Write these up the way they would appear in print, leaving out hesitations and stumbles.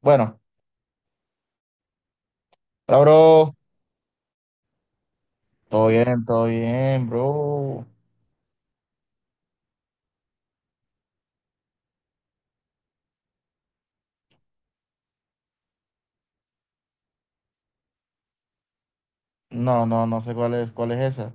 Bueno, hola, bro. Todo bien, bro. No, no, no sé cuál es esa.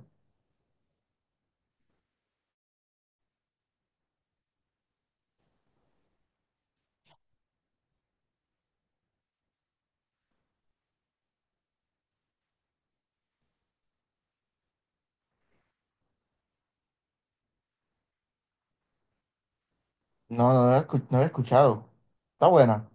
No, no, no, no he escuchado. Está buena.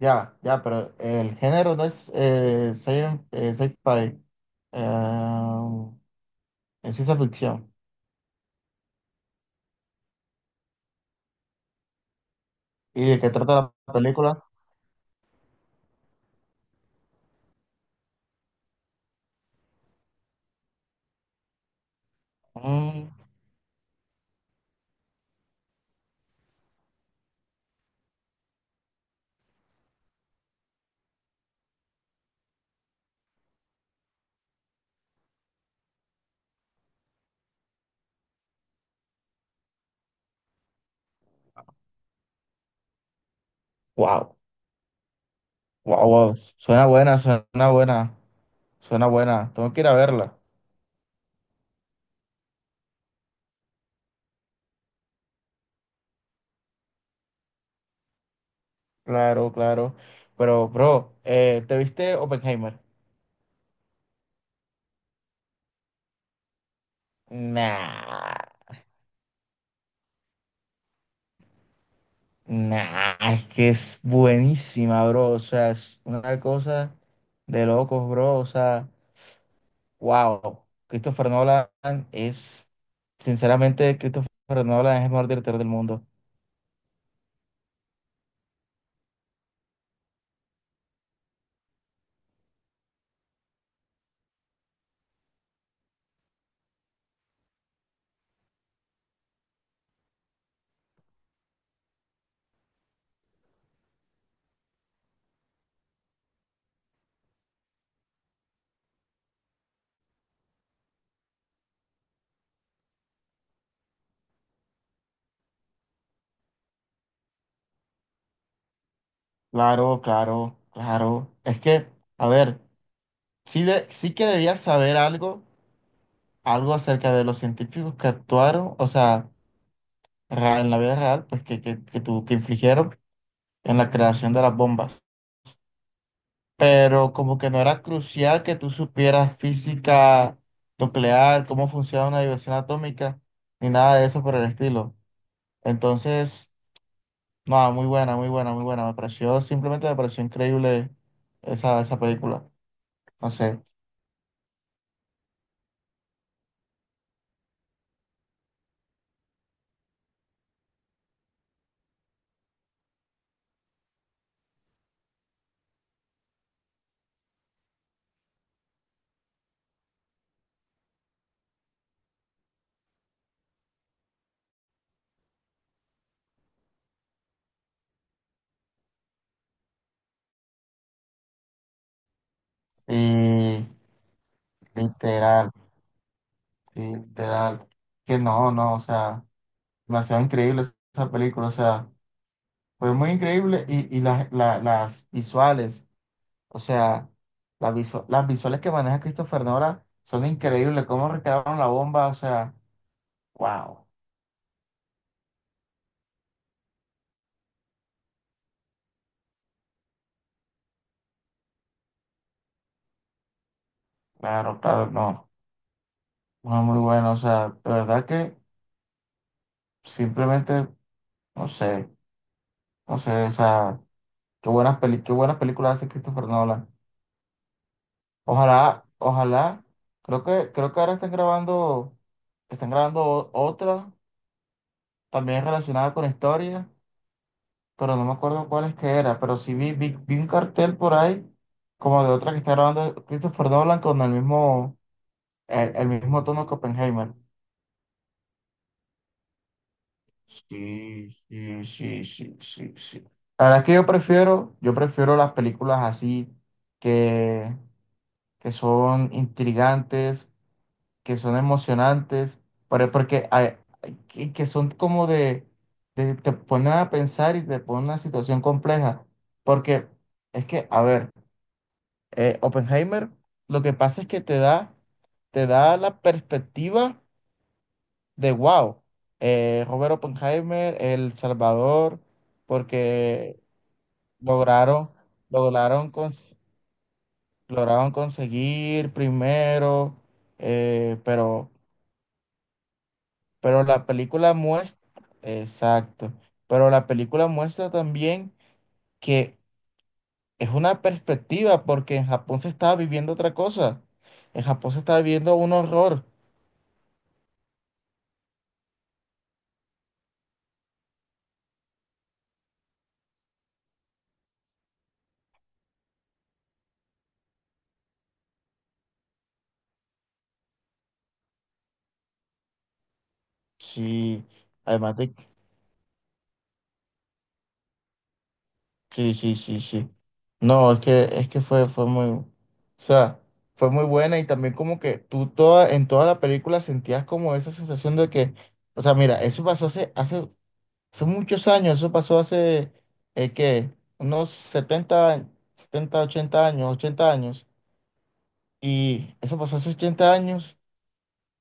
Ya, ya, pero el género no es sci-fi. eh, es ciencia ficción. ¿Y de qué trata la película? Mm. Wow, wow, wow. Suena buena, suena buena, suena buena. Tengo que ir a verla. Claro, claro. Pero, bro, ¿te viste Oppenheimer? Nah. Nah, es que es buenísima, bro. O sea, es una cosa de locos, bro. O sea, wow. Christopher Nolan es, sinceramente, Christopher Nolan es el mejor director del mundo. Claro, claro, claro. Es que, a ver, sí, sí que debías saber algo acerca de los científicos que actuaron, o sea, en la vida real, pues que infligieron en la creación de las bombas. Pero como que no era crucial que tú supieras física nuclear, cómo funciona una división atómica, ni nada de eso por el estilo. Entonces, no, muy buena, muy buena, muy buena. Me pareció, simplemente me pareció increíble esa película. No sé. Y literal, literal. Que no, no, o sea, demasiado increíble esa película. O sea, fue muy increíble y las visuales. O sea, las visuales que maneja Christopher Nolan son increíbles. Cómo recrearon la bomba, o sea, wow. Claro, claro, no. No, muy bueno. O sea, de verdad que simplemente, no sé, no sé, o sea, qué buenas películas hace Christopher Nolan. Ojalá, ojalá. Creo que ahora están grabando otra también relacionada con historia. Pero no me acuerdo cuál es que era, pero sí vi un cartel por ahí, como de otra que está grabando Christopher Nolan con el mismo tono que Oppenheimer. Sí, sí, sí, sí, sí, sí. La verdad es que yo prefiero las películas así, que, que son intrigantes, que son emocionantes, pero- porque hay- que son como de te ponen a pensar y te ponen en una situación compleja, porque es que, a ver. Oppenheimer, lo que pasa es que te da la perspectiva de wow, Robert Oppenheimer, El Salvador, porque lograron, lograron, cons- lograron conseguir primero, pero, pero la película muestra, exacto, pero la película muestra también que es una perspectiva, porque en Japón se estaba viviendo otra cosa, en Japón se estaba viviendo un horror. Sí, además de, sí, sí, sí, sí. No, es que fue muy, o sea, fue muy buena y también como que en toda la película sentías como esa sensación de que, o sea, mira, eso pasó hace muchos años, eso pasó hace, ¿qué? Unos setenta 80 años, 80 años, y eso pasó hace 80 años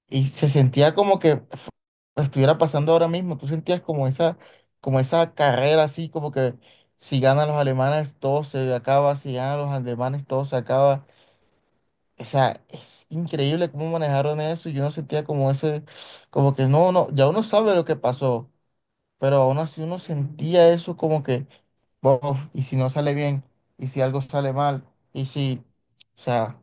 y se sentía como que estuviera pasando ahora mismo. Tú sentías como esa carrera así, como que si ganan los alemanes todo se acaba, si ganan los alemanes todo se acaba. O sea, es increíble cómo manejaron eso. Y yo no sentía como ese, como que no, no, ya uno sabe lo que pasó, pero aún así uno sentía eso como que, Bof, y si no sale bien, y si algo sale mal, y si, o sea,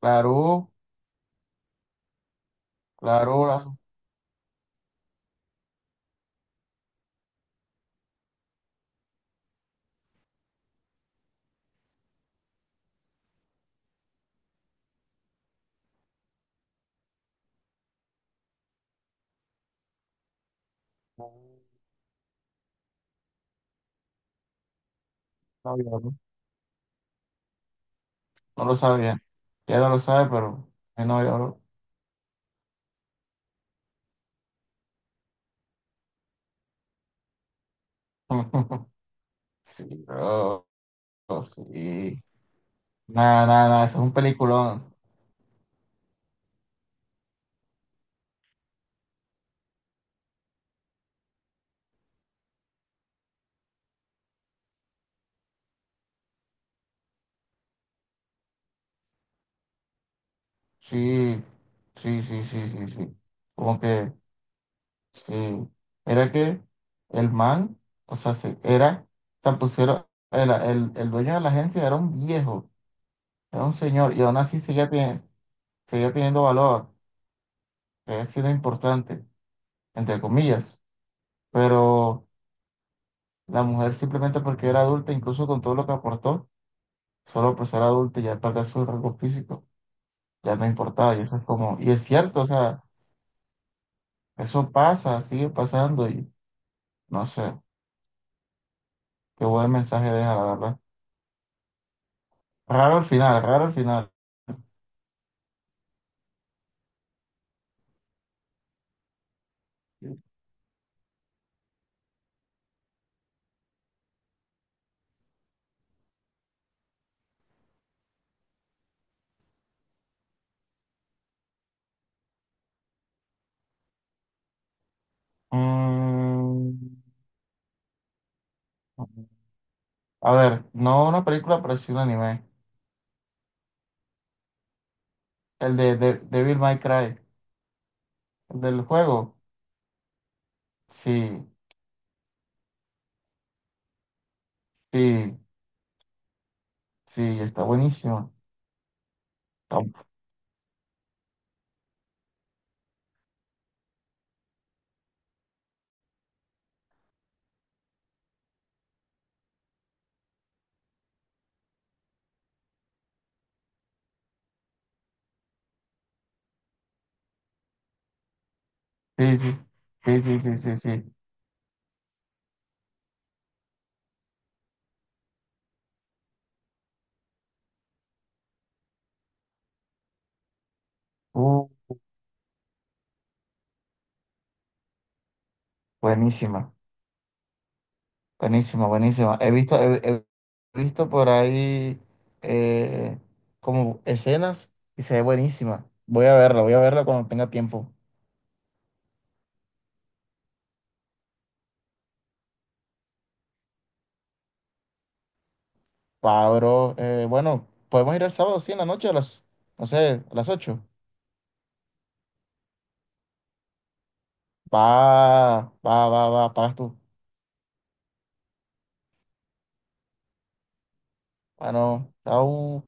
claro, claro. la- No lo sabía. Ya no lo sabe, pero mi novia, bro. Sí, bro. Sí. Nada, nada, nada. Eso es un peliculón. Sí, sí, sí, sí, sí, sí. Como que, sí. Era que el man, o sea, era, tan pusieron, el dueño de la agencia era un viejo, era un señor, y aún así seguía teniendo valor, seguía siendo importante, entre comillas. Pero la mujer simplemente porque era adulta, incluso con todo lo que aportó, solo por ser adulto y ya perder su rasgo físico, ya no importaba. Y eso es como, y es cierto, o sea, eso pasa, sigue pasando y no sé, qué buen mensaje deja, la verdad. Raro al final, raro al final. Mm, a ver, no una película, pero sí un anime. El de Devil May Cry, el del juego. Sí, sí, sí, está buenísimo. Está- Sí, sí, sí, sí, sí, sí, sí. Uh, Buenísima. Buenísima, buenísima. He visto, he visto por ahí eh, como escenas y se ve buenísima. Voy a verla cuando tenga tiempo. Pablo, bueno, podemos ir el sábado, sí, en la noche, a las, no sé, a las 8. Va, va, va, va, pagas tú. Bueno, chao.